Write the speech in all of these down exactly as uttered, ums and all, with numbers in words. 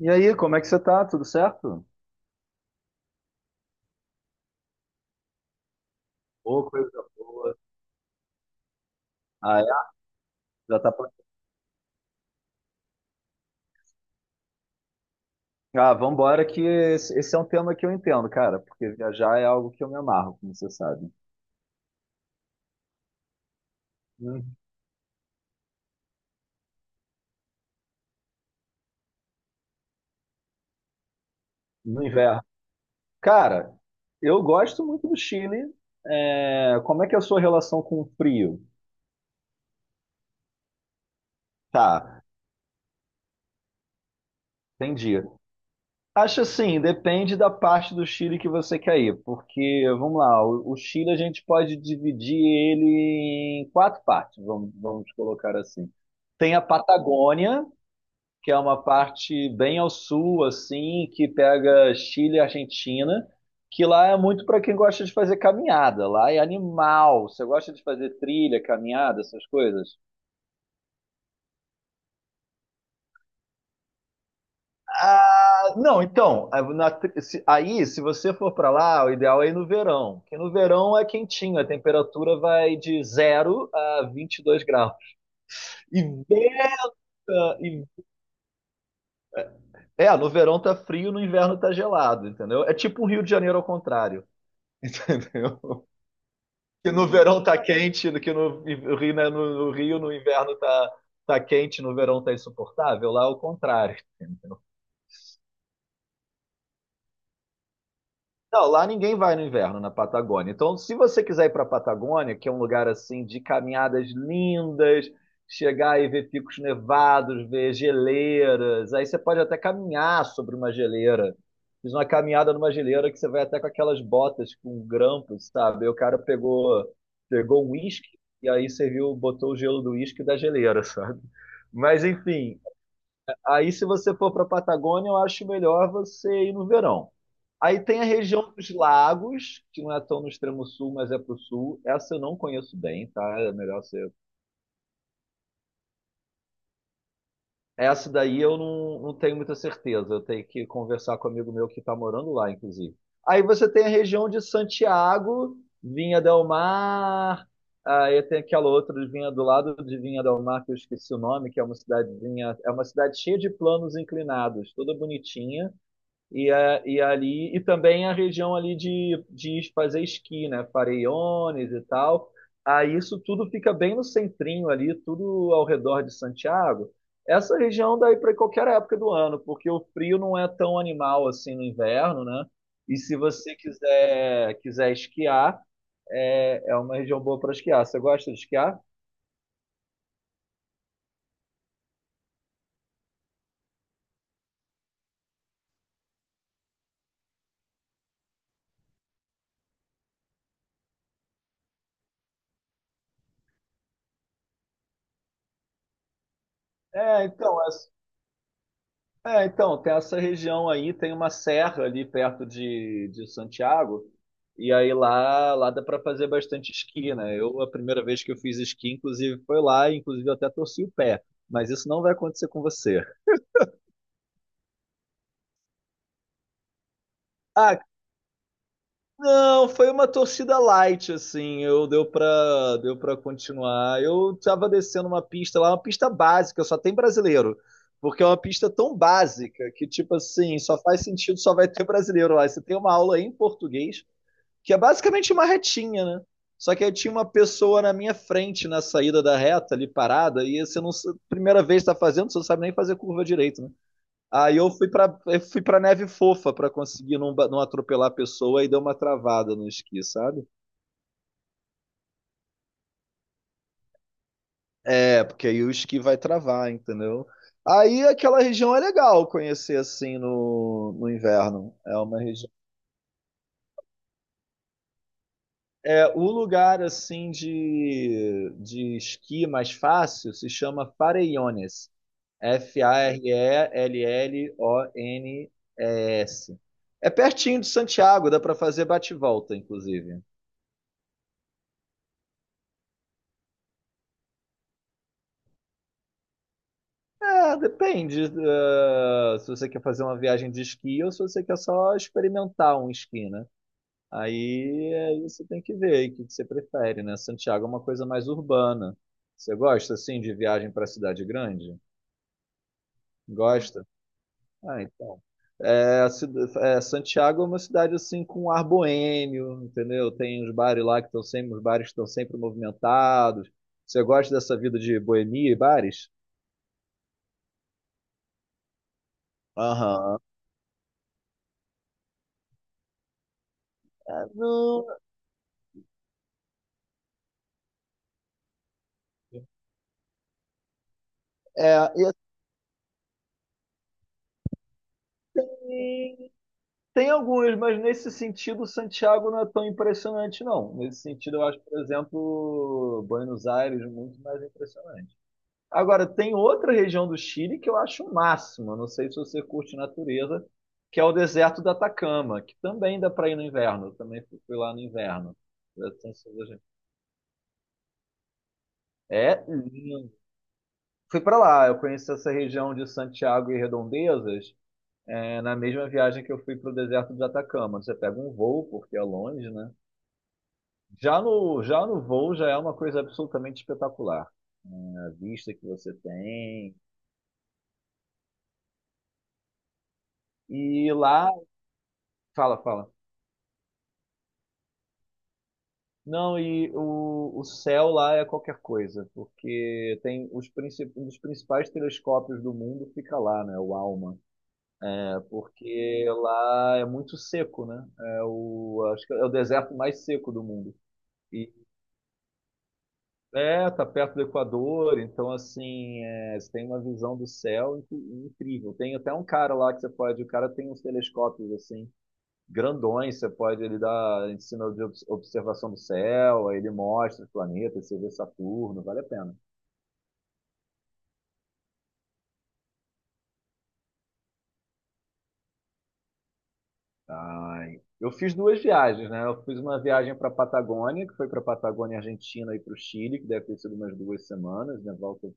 E aí, como é que você tá? Tudo certo? Ô, coisa boa. Ah, é? Já tá pra... Ah, vambora que esse, esse é um tema que eu entendo, cara, porque viajar é algo que eu me amarro, como você sabe. Hum. No inverno. Cara, eu gosto muito do Chile. É, como é que é a sua relação com o frio? Tá, entendi. Acho assim, depende da parte do Chile que você quer ir, porque, vamos lá, o, o Chile a gente pode dividir ele em quatro partes, vamos, vamos colocar assim. Tem a Patagônia, que é uma parte bem ao sul, assim, que pega Chile e Argentina, que lá é muito para quem gosta de fazer caminhada, lá é animal. Você gosta de fazer trilha, caminhada, essas coisas? Ah, não, então, a- na tri- se- aí, se você for para lá, o ideal é ir no verão, porque no verão é quentinho, a temperatura vai de zero a vinte e dois graus. E, venta- e- é, no verão tá frio, no inverno tá gelado, entendeu? É tipo o Rio de Janeiro ao contrário, entendeu? Que no verão tá quente, que no, no Rio, né, no- no Rio, no inverno tá, tá quente, no verão tá insuportável, lá é o contrário. Não, lá ninguém vai no inverno na Patagônia. Então, se você quiser ir para a Patagônia, que é um lugar assim de caminhadas lindas, chegar e ver picos nevados, ver geleiras, aí você pode até caminhar sobre uma geleira. Fiz uma caminhada numa geleira que você vai até com aquelas botas com grampos, sabe? E o cara pegou pegou um uísque e aí serviu, botou o gelo do uísque da geleira, sabe? Mas enfim, aí se você for para a Patagônia, eu acho melhor você ir no verão. Aí tem a região dos lagos, que não é tão no extremo sul, mas é pro sul. Essa eu não conheço bem, tá? É melhor ser. Essa daí eu não, não tenho muita certeza. Eu tenho que conversar com um amigo meu que está morando lá, inclusive. Aí você tem a região de Santiago, Vinha del Mar. Aí tem aquela outra de Vinha do lado de Vinha del Mar, que eu esqueci o nome, que é uma cidadezinha. É uma cidade cheia de planos inclinados, toda bonitinha. E, a- e ali e também a região ali de, de fazer esqui, né? Farellones e tal. Aí isso tudo fica bem no centrinho ali, tudo ao redor de Santiago. Essa região daí para qualquer época do ano, porque o frio não é tão animal assim no inverno, né? E se você quiser quiser esquiar, é, é uma região boa para esquiar. Você gosta de esquiar? É, então, é É, então, tem essa região aí, tem uma serra ali perto de, de Santiago, e aí lá, lá dá para fazer bastante esqui, né? Eu, a primeira vez que eu fiz esqui, inclusive, foi lá, e inclusive eu até torci o pé, mas isso não vai acontecer com você. Ah, não, foi uma torcida light, assim, eu deu pra, deu pra continuar. Eu tava descendo uma pista lá, uma pista básica, só tem brasileiro. Porque é uma pista tão básica que, tipo assim, só faz sentido, só vai ter brasileiro lá. Você tem uma aula em português, que é basicamente uma retinha, né? Só que aí tinha uma pessoa na minha frente na saída da reta ali parada e você não primeira vez está fazendo, você não sabe nem fazer curva direito, né? Aí eu fui para fui para neve fofa para conseguir não, ba- não atropelar a pessoa e deu uma travada no esqui, sabe? É, porque aí o esqui vai travar, entendeu? Aí aquela região é legal conhecer assim no, no inverno. É uma região é, o lugar assim de, de esqui mais fácil se chama Farellones. F-A-R-E-L-L-O-N-E-S. É pertinho de Santiago, dá para fazer bate-volta, inclusive. É, depende, eh, se você quer fazer uma viagem de esqui ou se você quer só experimentar um esqui, né? Aí, aí você tem que ver aí o que que você prefere, né? Santiago é uma coisa mais urbana. Você gosta, assim, de viagem para cidade grande? Gosta? Ah, então. É, a cida- é, Santiago é uma cidade assim com ar boêmio, entendeu? Tem uns bares lá que estão sempre, os bares estão sempre movimentados. Você gosta dessa vida de boemia e bares? Aham. É, não, é, e Assim, tem alguns, mas nesse sentido Santiago não é tão impressionante, não. Nesse sentido, eu acho, por exemplo, Buenos Aires muito mais impressionante. Agora, tem outra região do Chile que eu acho o máximo, eu não sei se você curte natureza, que é o deserto do Atacama, que também dá para ir no inverno. Eu também fui fui lá no inverno. É lindo. Fui para lá, eu conheci essa região de Santiago e Redondezas, é, na mesma viagem que eu fui para o deserto de Atacama. Você pega um voo, porque é longe, né? Já no, já no voo já é uma coisa absolutamente espetacular. Né? A vista que você tem. E lá. Fala, fala. Não, e o, o céu lá é qualquer coisa, porque tem os princi- um dos principais telescópios do mundo fica lá, né? O ALMA. É porque lá é muito seco, né? É o, acho que é o deserto mais seco do mundo. E é, tá perto do Equador, então assim, é, você tem uma visão do céu inc- incrível. Tem até um cara lá que você pode, o cara tem uns telescópios assim grandões, você pode, ele dá ensino de obs- observação do céu, aí ele mostra os planetas, você vê Saturno, vale a pena. Ai, eu fiz duas viagens, né? Eu fiz uma viagem para a Patagônia, que foi para a Patagônia Argentina e para o Chile, que deve ter sido umas duas semanas, né? Volta,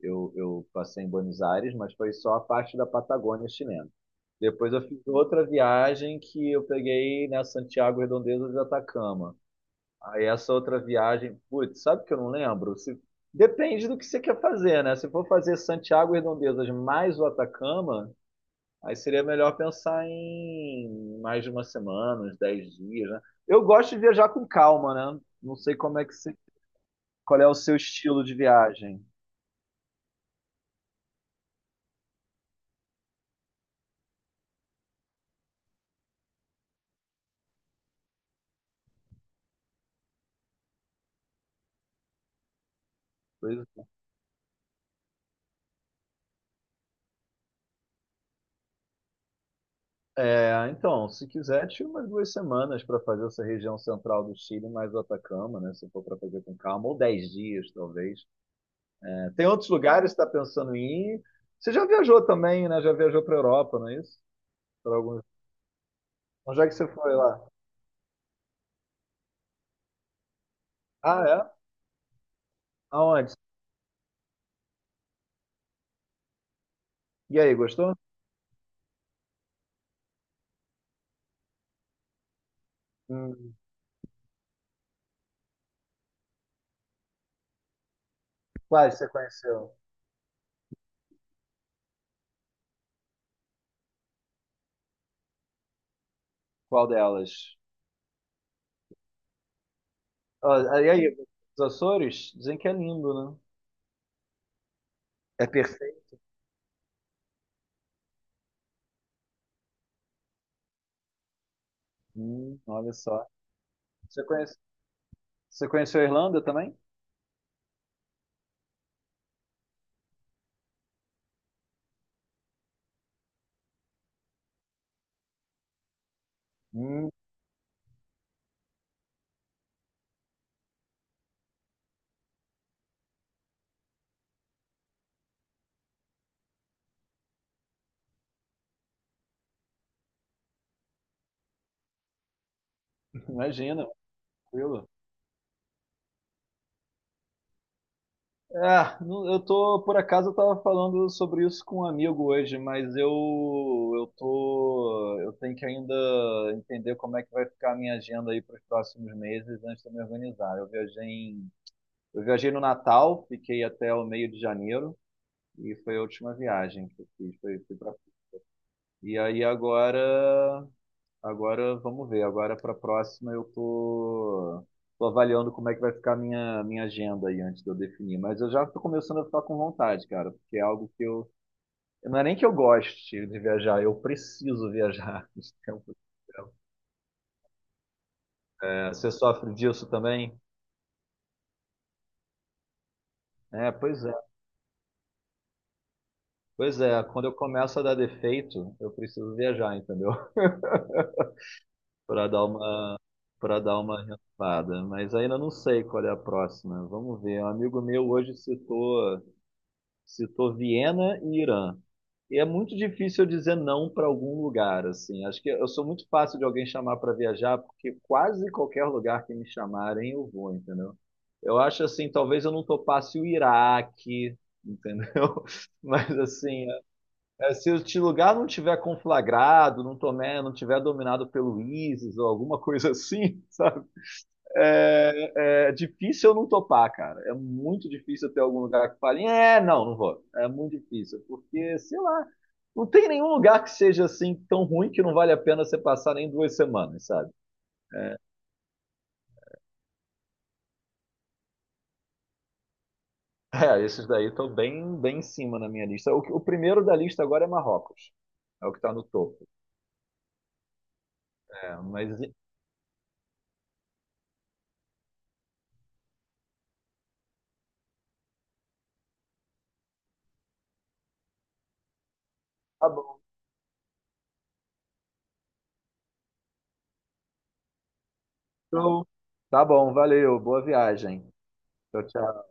eu, eu passei em Buenos Aires, mas foi só a parte da Patagônia chilena. Depois eu fiz outra viagem que eu peguei na Santiago Redondeza de Atacama. Aí essa outra viagem, putz, sabe que eu não lembro? Se- depende do que você quer fazer, né? Se for fazer Santiago e Redondezas mais o Atacama, aí seria melhor pensar em mais de uma semana, uns dez dias, né? Eu gosto de viajar com calma, né? Não sei como é que você, qual é o seu estilo de viagem. Pois é, então, se quiser, tira umas duas semanas para fazer essa região central do Chile mais o Atacama, né? Se for para fazer com calma, ou dez dias, talvez. Tem outros lugares que está pensando em ir? Você já viajou também, né? Já viajou para Europa, não é isso? Para alguns. Onde é que você foi lá? Ah, é? Aonde? E aí, gostou? Hum, quais você conheceu? Qual delas? Ah, e aí, os Açores? Dizem que é lindo, né? É perfeito. Hum, olha só. Você conhece, você conheceu a Irlanda também? Hum, imagina, tranquilo. É, não- eu tô, por acaso, eu tava falando sobre isso com um amigo hoje, mas eu, eu tô, eu tenho que ainda entender como é que vai ficar a minha agenda aí para os próximos meses antes de eu me organizar. Eu viajei em, eu viajei no Natal, fiquei até o meio de janeiro e foi a última viagem que eu fiz, foi, fui pra, e aí agora agora vamos ver. Agora para a próxima eu tô, tô avaliando como é que vai ficar a minha, minha agenda aí antes de eu definir. Mas eu já tô começando a ficar com vontade, cara, porque é algo que eu. Não é nem que eu goste de viajar, eu preciso viajar. De tempo em tempo. É, você sofre disso também? É, pois é. Pois é, quando eu começo a dar defeito, eu preciso viajar, entendeu? Para dar uma, para dar uma renovada. Mas ainda não sei qual é a próxima. Vamos ver. Um amigo meu hoje citou. Citou Viena e Irã. E é muito difícil eu dizer não para algum lugar, assim. Acho que eu sou muito fácil de alguém chamar para viajar, porque quase qualquer lugar que me chamarem eu vou, entendeu? Eu acho assim, talvez eu não topasse o Iraque, entendeu? Mas assim, é, é, se o te- lugar não tiver conflagrado, não tomé, não tiver dominado pelo ISIS ou alguma coisa assim, é, é difícil eu não topar, cara. É muito difícil eu ter algum lugar que fale, é, não, não vou. É muito difícil, porque, sei lá, não tem nenhum lugar que seja assim tão ruim que não vale a pena você passar nem duas semanas, sabe? É, esses daí estão bem, bem em cima na minha lista. O, que- o primeiro da lista agora é Marrocos. É o que está no topo. É, mas tá bom. Então, tá bom, valeu. Boa viagem. Tchau, tchau.